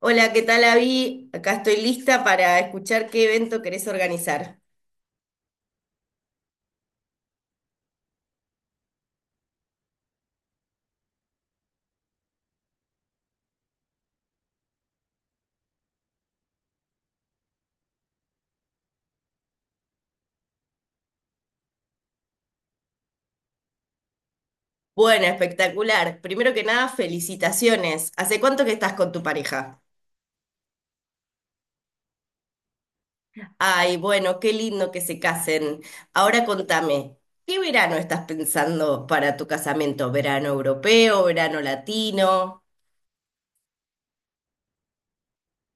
Hola, ¿qué tal, Avi? Acá estoy lista para escuchar qué evento querés organizar. Bueno, espectacular. Primero que nada, felicitaciones. ¿Hace cuánto que estás con tu pareja? Ay, bueno, qué lindo que se casen. Ahora contame, ¿qué verano estás pensando para tu casamiento? ¿Verano europeo, verano latino?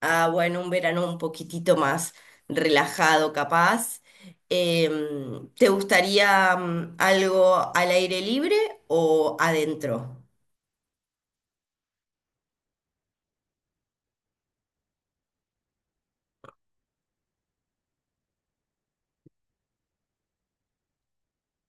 Ah, bueno, un verano un poquitito más relajado, capaz. ¿Te gustaría algo al aire libre o adentro?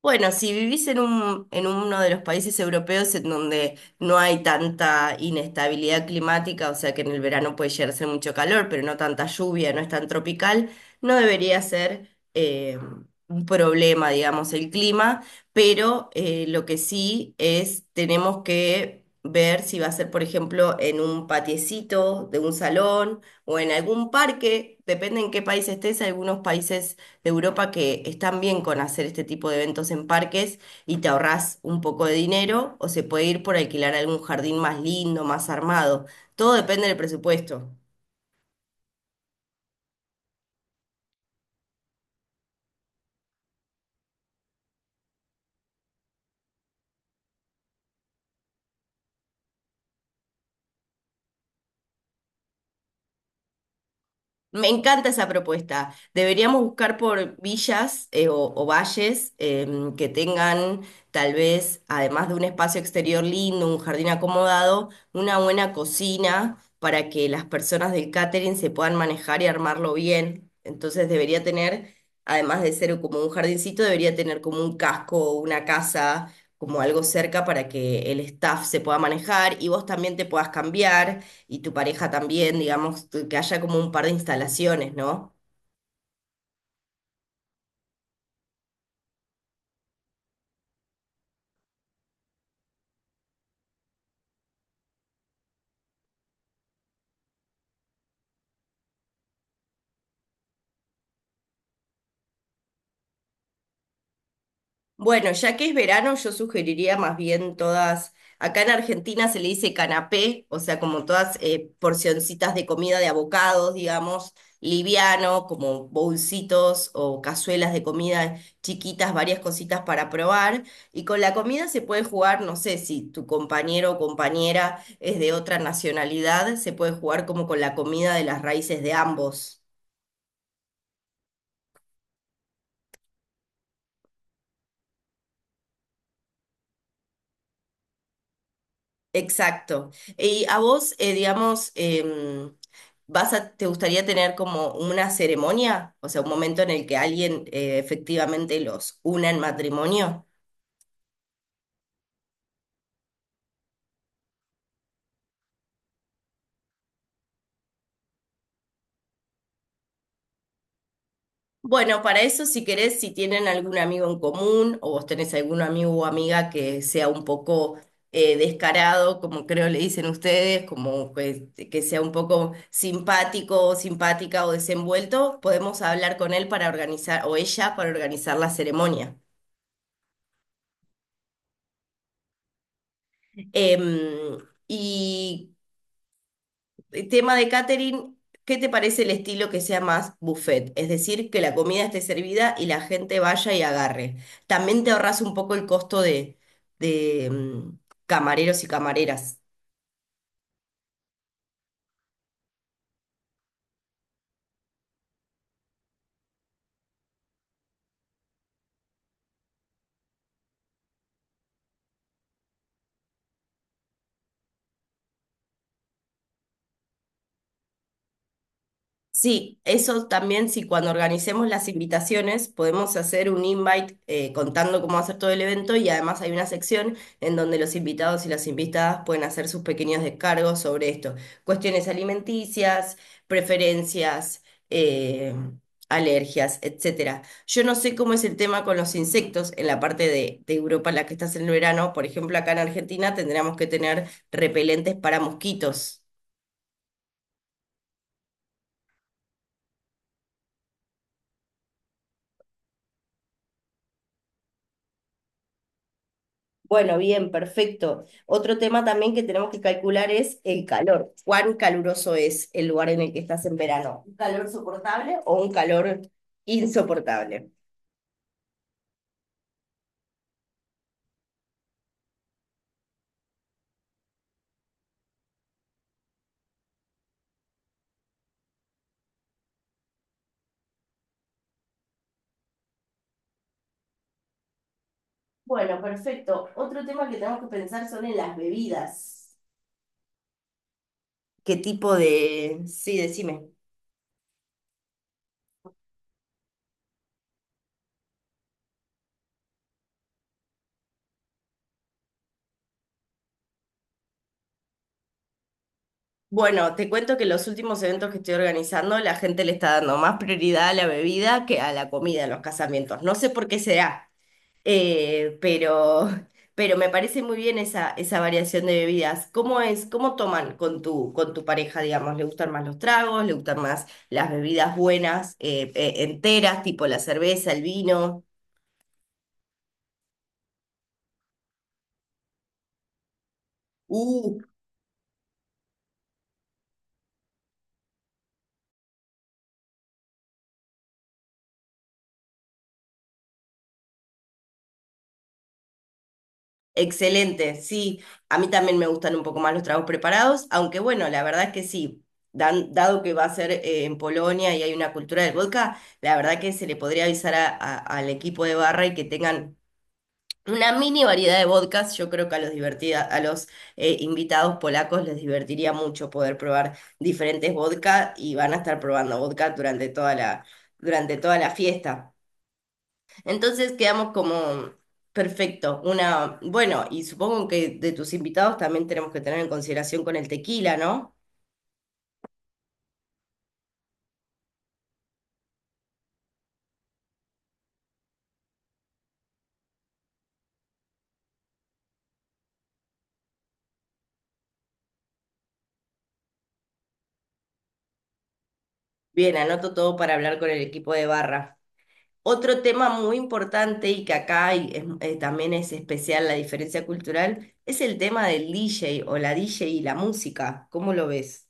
Bueno, si vivís en un, en uno de los países europeos en donde no hay tanta inestabilidad climática, o sea que en el verano puede llegar a ser mucho calor, pero no tanta lluvia, no es tan tropical, no debería ser eh, un problema, digamos, el clima, pero lo que sí es, tenemos que ver si va a ser, por ejemplo, en un patiecito de un salón o en algún parque, depende en qué país estés, algunos países de Europa que están bien con hacer este tipo de eventos en parques y te ahorras un poco de dinero o se puede ir por alquilar algún jardín más lindo, más armado. Todo depende del presupuesto. Me encanta esa propuesta. Deberíamos buscar por villas o valles que tengan tal vez, además de un espacio exterior lindo, un jardín acomodado, una buena cocina para que las personas del catering se puedan manejar y armarlo bien. Entonces debería tener, además de ser como un jardincito, debería tener como un casco o una casa, como algo cerca para que el staff se pueda manejar y vos también te puedas cambiar y tu pareja también, digamos, que haya como un par de instalaciones, ¿no? Bueno, ya que es verano, yo sugeriría más bien todas, acá en Argentina se le dice canapé, o sea, como todas porcioncitas de comida de abocados, digamos, liviano, como bolsitos o cazuelas de comida chiquitas, varias cositas para probar. Y con la comida se puede jugar, no sé, si tu compañero o compañera es de otra nacionalidad, se puede jugar como con la comida de las raíces de ambos. Exacto. Y a vos, digamos, ¿te gustaría tener como una ceremonia? O sea, un momento en el que alguien efectivamente los una en matrimonio. Bueno, para eso, si querés, si tienen algún amigo en común o vos tenés algún amigo o amiga que sea un poco descarado, como creo le dicen ustedes, como que sea un poco simpático o simpática o desenvuelto, podemos hablar con él para organizar, o ella para organizar la ceremonia. Em, y el tema de catering, ¿qué te parece el estilo que sea más buffet? Es decir, que la comida esté servida y la gente vaya y agarre. También te ahorras un poco el costo de camareros y camareras. Sí, eso también, si cuando organicemos las invitaciones podemos hacer un invite contando cómo hacer todo el evento y además hay una sección en donde los invitados y las invitadas pueden hacer sus pequeños descargos sobre esto. Cuestiones alimenticias, preferencias, eh, alergias, etcétera. Yo no sé cómo es el tema con los insectos en la parte de Europa en la que estás en el verano. Por ejemplo, acá en Argentina tendríamos que tener repelentes para mosquitos. Bueno, bien, perfecto. Otro tema también que tenemos que calcular es el calor. ¿Cuán caluroso es el lugar en el que estás en verano? ¿Un calor soportable o un calor insoportable? Bueno, perfecto. Otro tema que tenemos que pensar son en las bebidas. ¿Qué tipo de...? Sí, decime. Bueno, te cuento que los últimos eventos que estoy organizando, la gente le está dando más prioridad a la bebida que a la comida en los casamientos. No sé por qué será. Pero, pero me parece muy bien esa variación de bebidas. ¿Cómo es, cómo toman con con tu pareja, digamos? ¿Le gustan más los tragos? ¿Le gustan más las bebidas buenas, enteras, tipo la cerveza, el vino? Uh, excelente, sí. A mí también me gustan un poco más los tragos preparados, aunque bueno, la verdad es que sí. Dado que va a ser en Polonia y hay una cultura del vodka, la verdad que se le podría avisar al equipo de barra y que tengan una mini variedad de vodkas, yo creo que a los divertida, a los invitados polacos les divertiría mucho poder probar diferentes vodka y van a estar probando vodka durante toda durante toda la fiesta. Entonces quedamos como perfecto. Una, bueno, y supongo que de tus invitados también tenemos que tener en consideración con el tequila, ¿no? Bien, anoto todo para hablar con el equipo de barra. Otro tema muy importante y que acá también es especial la diferencia cultural es el tema del DJ o la DJ y la música. ¿Cómo lo ves?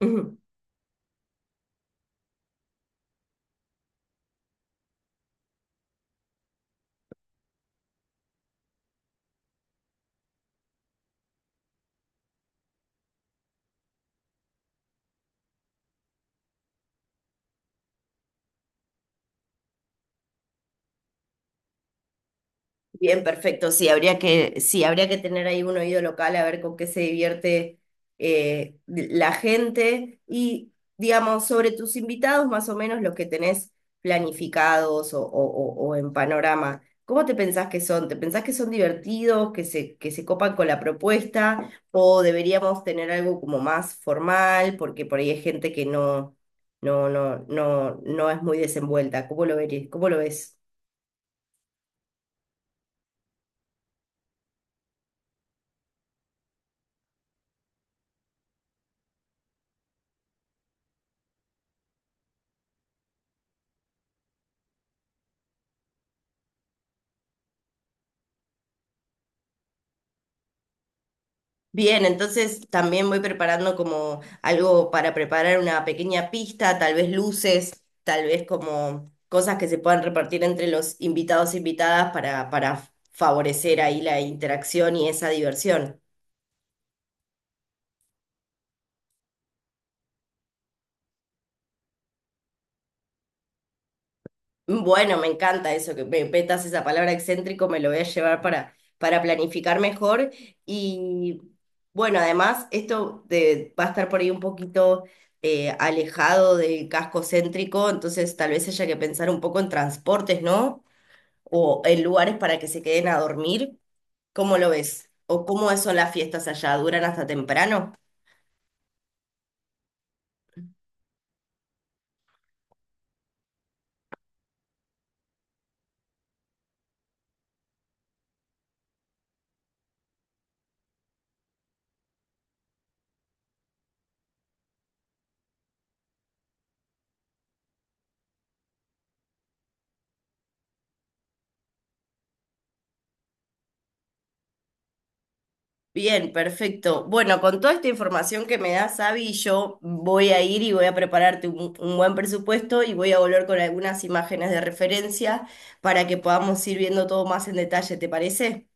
Bien, perfecto. Sí, habría sí, habría que tener ahí un oído local a ver con qué se divierte la gente. Y, digamos, sobre tus invitados, más o menos los que tenés planificados o en panorama, ¿cómo te pensás que son? ¿Te pensás que son divertidos, que que se copan con la propuesta? ¿O deberíamos tener algo como más formal? Porque por ahí hay gente que no es muy desenvuelta. ¿Cómo lo ves? Bien, entonces también voy preparando como algo para preparar una pequeña pista, tal vez luces, tal vez como cosas que se puedan repartir entre los invitados e invitadas para favorecer ahí la interacción y esa diversión. Bueno, me encanta eso, que me petas esa palabra excéntrico, me lo voy a llevar para planificar mejor. Y bueno, además, va a estar por ahí un poquito alejado del casco céntrico, entonces tal vez haya que pensar un poco en transportes, ¿no? O en lugares para que se queden a dormir. ¿Cómo lo ves? ¿O cómo son las fiestas allá? ¿Duran hasta temprano? Bien, perfecto. Bueno, con toda esta información que me das, Abby, yo voy a ir y voy a prepararte un buen presupuesto y voy a volver con algunas imágenes de referencia para que podamos ir viendo todo más en detalle, ¿te parece?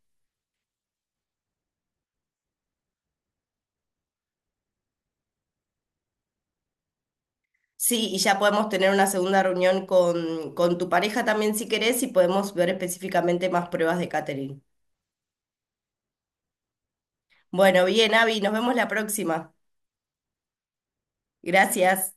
Sí, y ya podemos tener una segunda reunión con tu pareja también si querés y podemos ver específicamente más pruebas de catering. Bueno, bien, Abby, nos vemos la próxima. Gracias.